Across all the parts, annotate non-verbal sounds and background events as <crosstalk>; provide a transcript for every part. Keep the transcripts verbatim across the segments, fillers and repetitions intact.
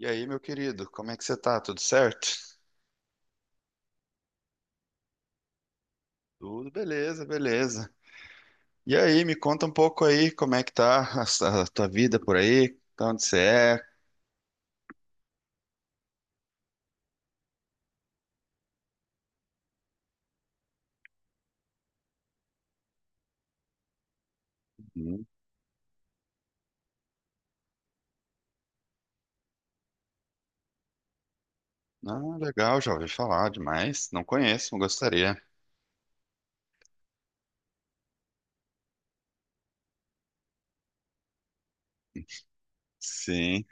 E aí, meu querido, como é que você tá? Tudo certo? Tudo beleza, beleza. E aí, me conta um pouco aí, como é que tá a, s- a tua vida por aí? Tá onde você é? Uhum. Ah, legal, já ouvi falar demais. Não conheço, gostaria. Sim,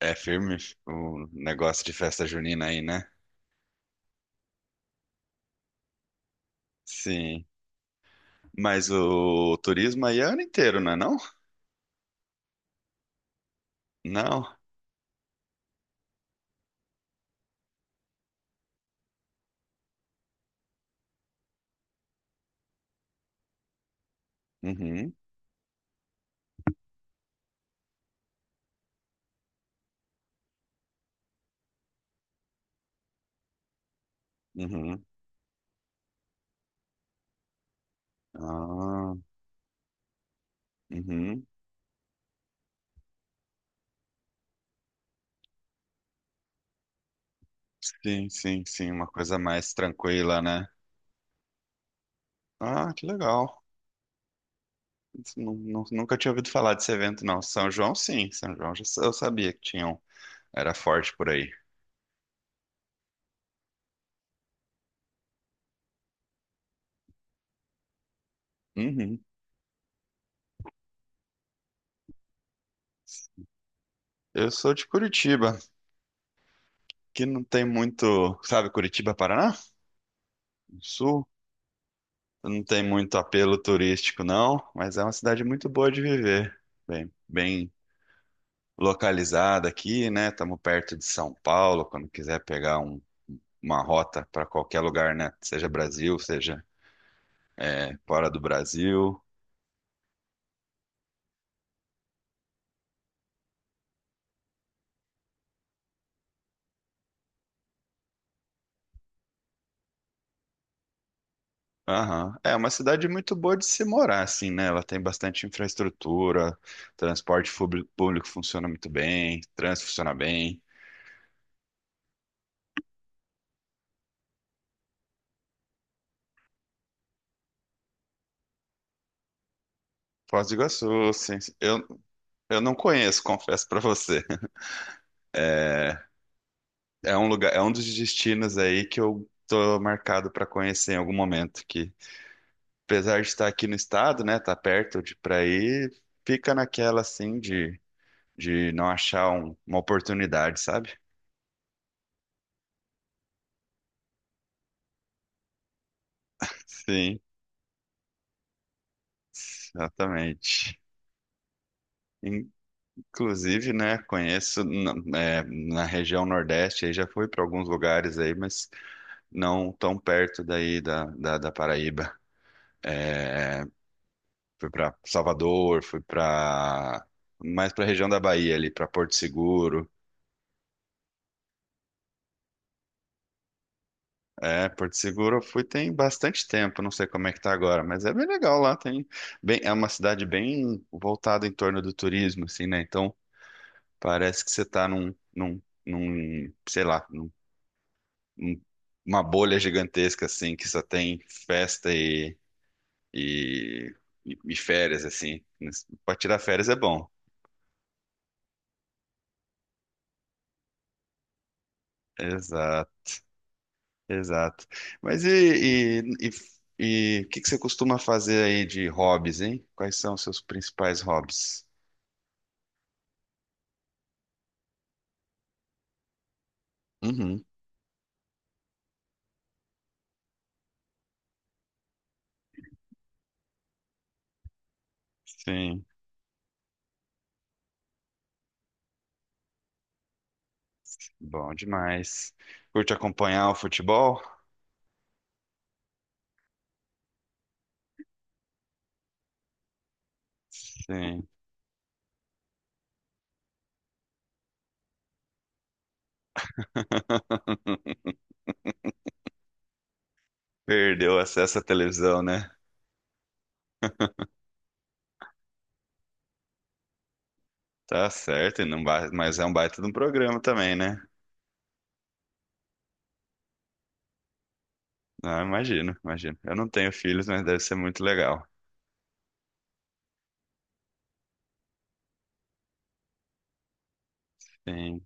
é firme o negócio de festa junina aí, né? Sim. Mas o turismo aí é ano inteiro, não é não? Não. Uhum, uhum. Ah, uhum. Sim, sim, sim, uma coisa mais tranquila, né? Ah, que legal. Não- não- Nunca tinha ouvido falar desse evento, não. São João, sim. São João, já- eu sabia que tinham era forte por aí. Uhum. Eu sou de Curitiba, que não tem muito, sabe, Curitiba, Paraná? No Sul. Não tem muito apelo turístico, não, mas é uma cidade muito boa de viver. Bem, bem localizada aqui, né? Estamos perto de São Paulo, quando quiser pegar um- uma rota para qualquer lugar, né? Seja Brasil, seja é, fora do Brasil. Aham. É uma cidade muito boa de se morar, assim, né? Ela tem bastante infraestrutura, transporte fubli- público funciona muito bem, trânsito funciona bem. Foz do Iguaçu, sim. Eu, eu não conheço, <laughs> confesso pra você. É, é um lugar, é um dos destinos aí que eu tô marcado pra conhecer em algum momento, que apesar de estar aqui no estado, né, tá perto de pra ir, fica naquela assim de, de, não achar um- uma oportunidade, sabe? <laughs> Sim, exatamente. Inclusive, né, conheço na, é, na região Nordeste, aí já fui para alguns lugares aí, mas não tão perto daí da, da, da Paraíba. É, fui para Salvador, fui para mais para a região da Bahia ali, para Porto Seguro. É, Porto Seguro eu fui tem bastante tempo, não sei como é que tá agora, mas é bem legal lá, tem bem, é uma cidade bem voltada em torno do turismo, assim, né? Então parece que você tá num, num, num, sei lá, um- uma bolha gigantesca, assim, que só tem festa e, e, e- e férias, assim. Para tirar férias é bom. Exato, exato. Mas e, e, e, e o que que você costuma fazer aí de hobbies, hein? Quais são os seus principais hobbies? Uhum, sim, bom demais. Curte acompanhar o futebol? Sim. <laughs> Perdeu o acesso à televisão, né? Tá certo, e não ba- mas é um baita de um programa também, né? Não, imagino, imagino. Eu não tenho filhos, mas deve ser muito legal. Sim,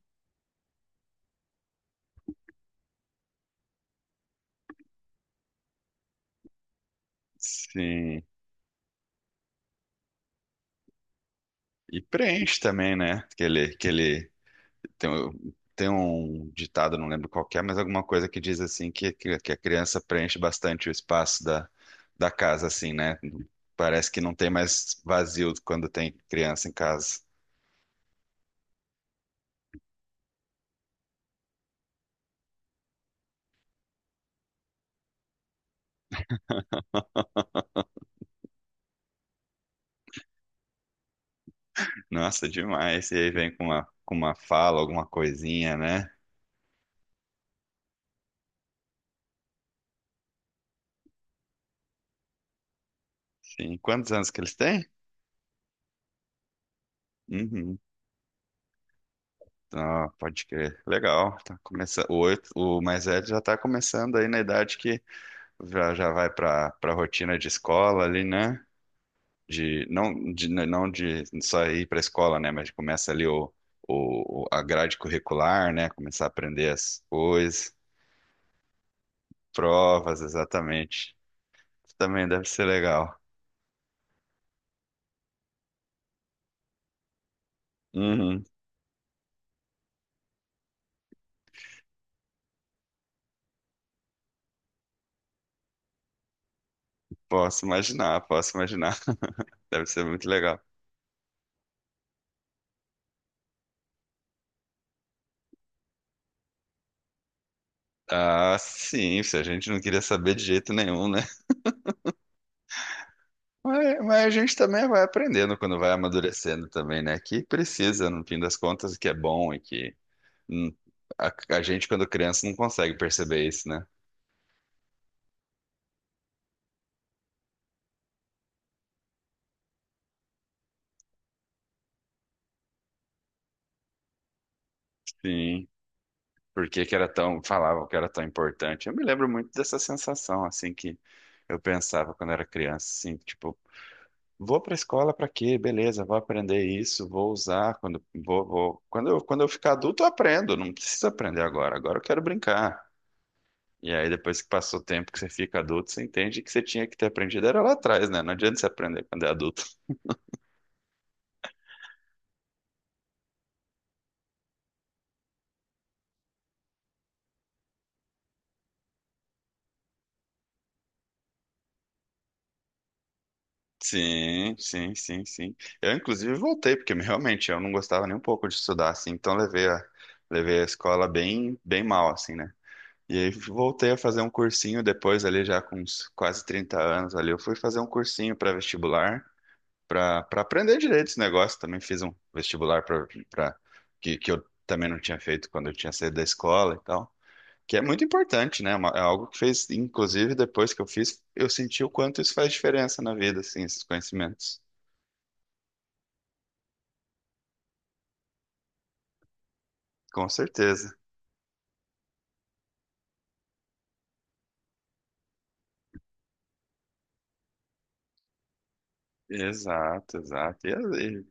sim. E preenche também, né? Que ele, que ele tem, um- tem um ditado, não lembro qual que é, mas alguma coisa que diz assim que, que, que a criança preenche bastante o espaço da, da, casa, assim, né? Parece que não tem mais vazio quando tem criança em casa. Nossa, demais. E aí vem com uma, com uma fala, alguma coisinha, né? Sim. Quantos anos que eles têm? Uhum. Ah, pode crer. Legal. Tá começando. O, oito- o mais velho já tá começando aí na idade que já, já vai pra, pra rotina de escola ali, né? De, não, de, né, não de só ir pra escola, né? Mas começa ali o, o, a grade curricular, né? Começar a aprender as coisas, provas, exatamente. Também deve ser legal. Uhum. Posso imaginar, posso imaginar. <laughs> Deve ser muito legal. Ah, sim, se a gente não queria saber de jeito nenhum, né? Mas, mas a gente também vai aprendendo quando vai amadurecendo também, né? Que precisa, no fim das contas, que é bom e que hum, a, a gente, quando criança, não consegue perceber isso, né? Sim. Por que que era tão, falavam que era tão importante. Eu me lembro muito dessa sensação, assim, que eu pensava quando era criança, assim, tipo, vou pra escola pra quê? Beleza, vou aprender isso, vou usar quando vou, vou. Quando eu, quando eu ficar adulto, eu aprendo, não preciso aprender agora, agora eu quero brincar. E aí, depois que passou o tempo que você fica adulto, você entende que você tinha que ter aprendido era lá atrás, né? Não adianta você aprender quando é adulto. <laughs> Sim, sim, sim, sim. Eu, inclusive, voltei, porque realmente eu não gostava nem um pouco de estudar, assim. Então, levei a, levei a escola bem, bem mal, assim, né? E aí, voltei a fazer um cursinho depois, ali, já com uns quase trinta anos, ali. Eu fui fazer um cursinho para vestibular, para para aprender direito esse negócio. Também fiz um vestibular para que, que eu também não tinha feito quando eu tinha saído da escola e tal. Que é muito importante, né? Uma- É algo que fez, inclusive, depois que eu fiz, eu senti o quanto isso faz diferença na vida, assim, esses conhecimentos. Com certeza. Exato, exato. E, e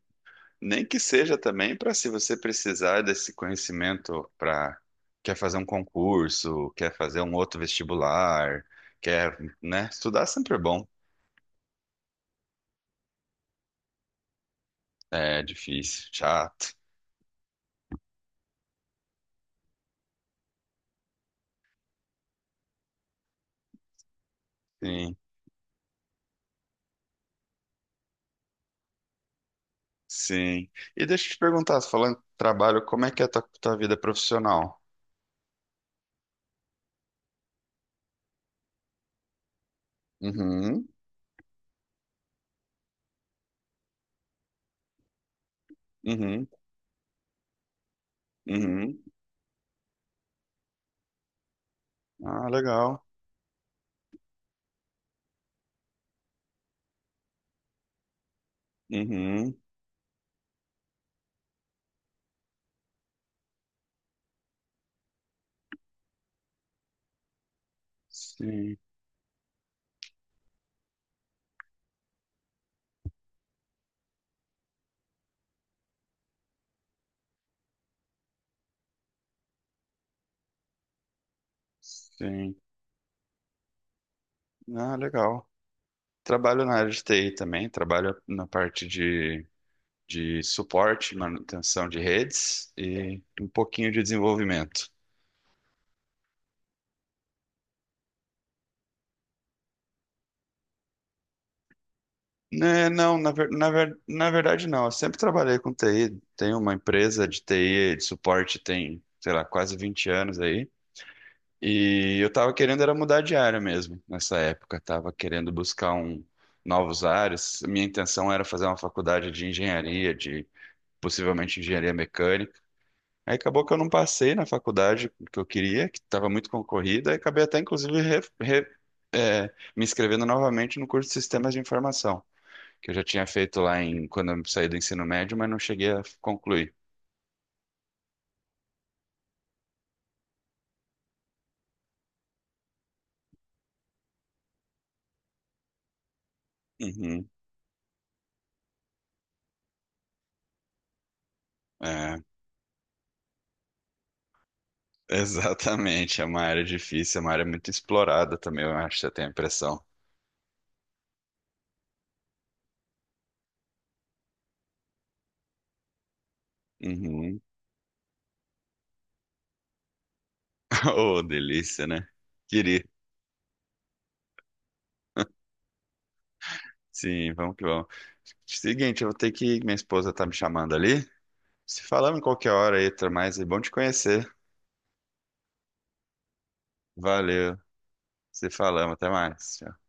nem que seja também para se você precisar desse conhecimento para quer fazer um concurso, quer fazer um outro vestibular, quer, né? Estudar sempre é bom. É difícil, chato. Sim, sim. E deixa eu te perguntar, falando de trabalho, como é que é a tua, tua vida profissional? Uhum, uhum. Uhum. Ah, legal. Uhum. Sim, sim. Ah, legal. Trabalho na área de T I também, trabalho na parte de, de, suporte, manutenção de redes e um pouquinho de desenvolvimento. Né, não, na, ver- na, ver- na verdade não. Eu sempre trabalhei com T I. Tenho uma empresa de T I, de suporte, tem, sei lá, quase vinte anos aí. E eu tava querendo era mudar de área mesmo nessa época. Tava querendo buscar um novos áreas. Minha intenção era fazer uma faculdade de engenharia, de possivelmente engenharia mecânica. Aí acabou que eu não passei na faculdade que eu queria, que estava muito concorrida, e acabei até inclusive re- re- eh, me inscrevendo novamente no curso de Sistemas de Informação, que eu já tinha feito lá em quando eu saí do ensino médio, mas não cheguei a concluir. Uhum. É. Exatamente, é uma área difícil, é uma área muito explorada também, eu acho, eu tenho a impressão. Uhum. <laughs> Oh, delícia, né? Queria. Sim, vamos que vamos. Seguinte, eu vou ter que ir, minha esposa tá me chamando ali. Se falamos em qualquer hora aí, até mais, e bom te conhecer. Valeu. Se falamos, até mais. Tchau.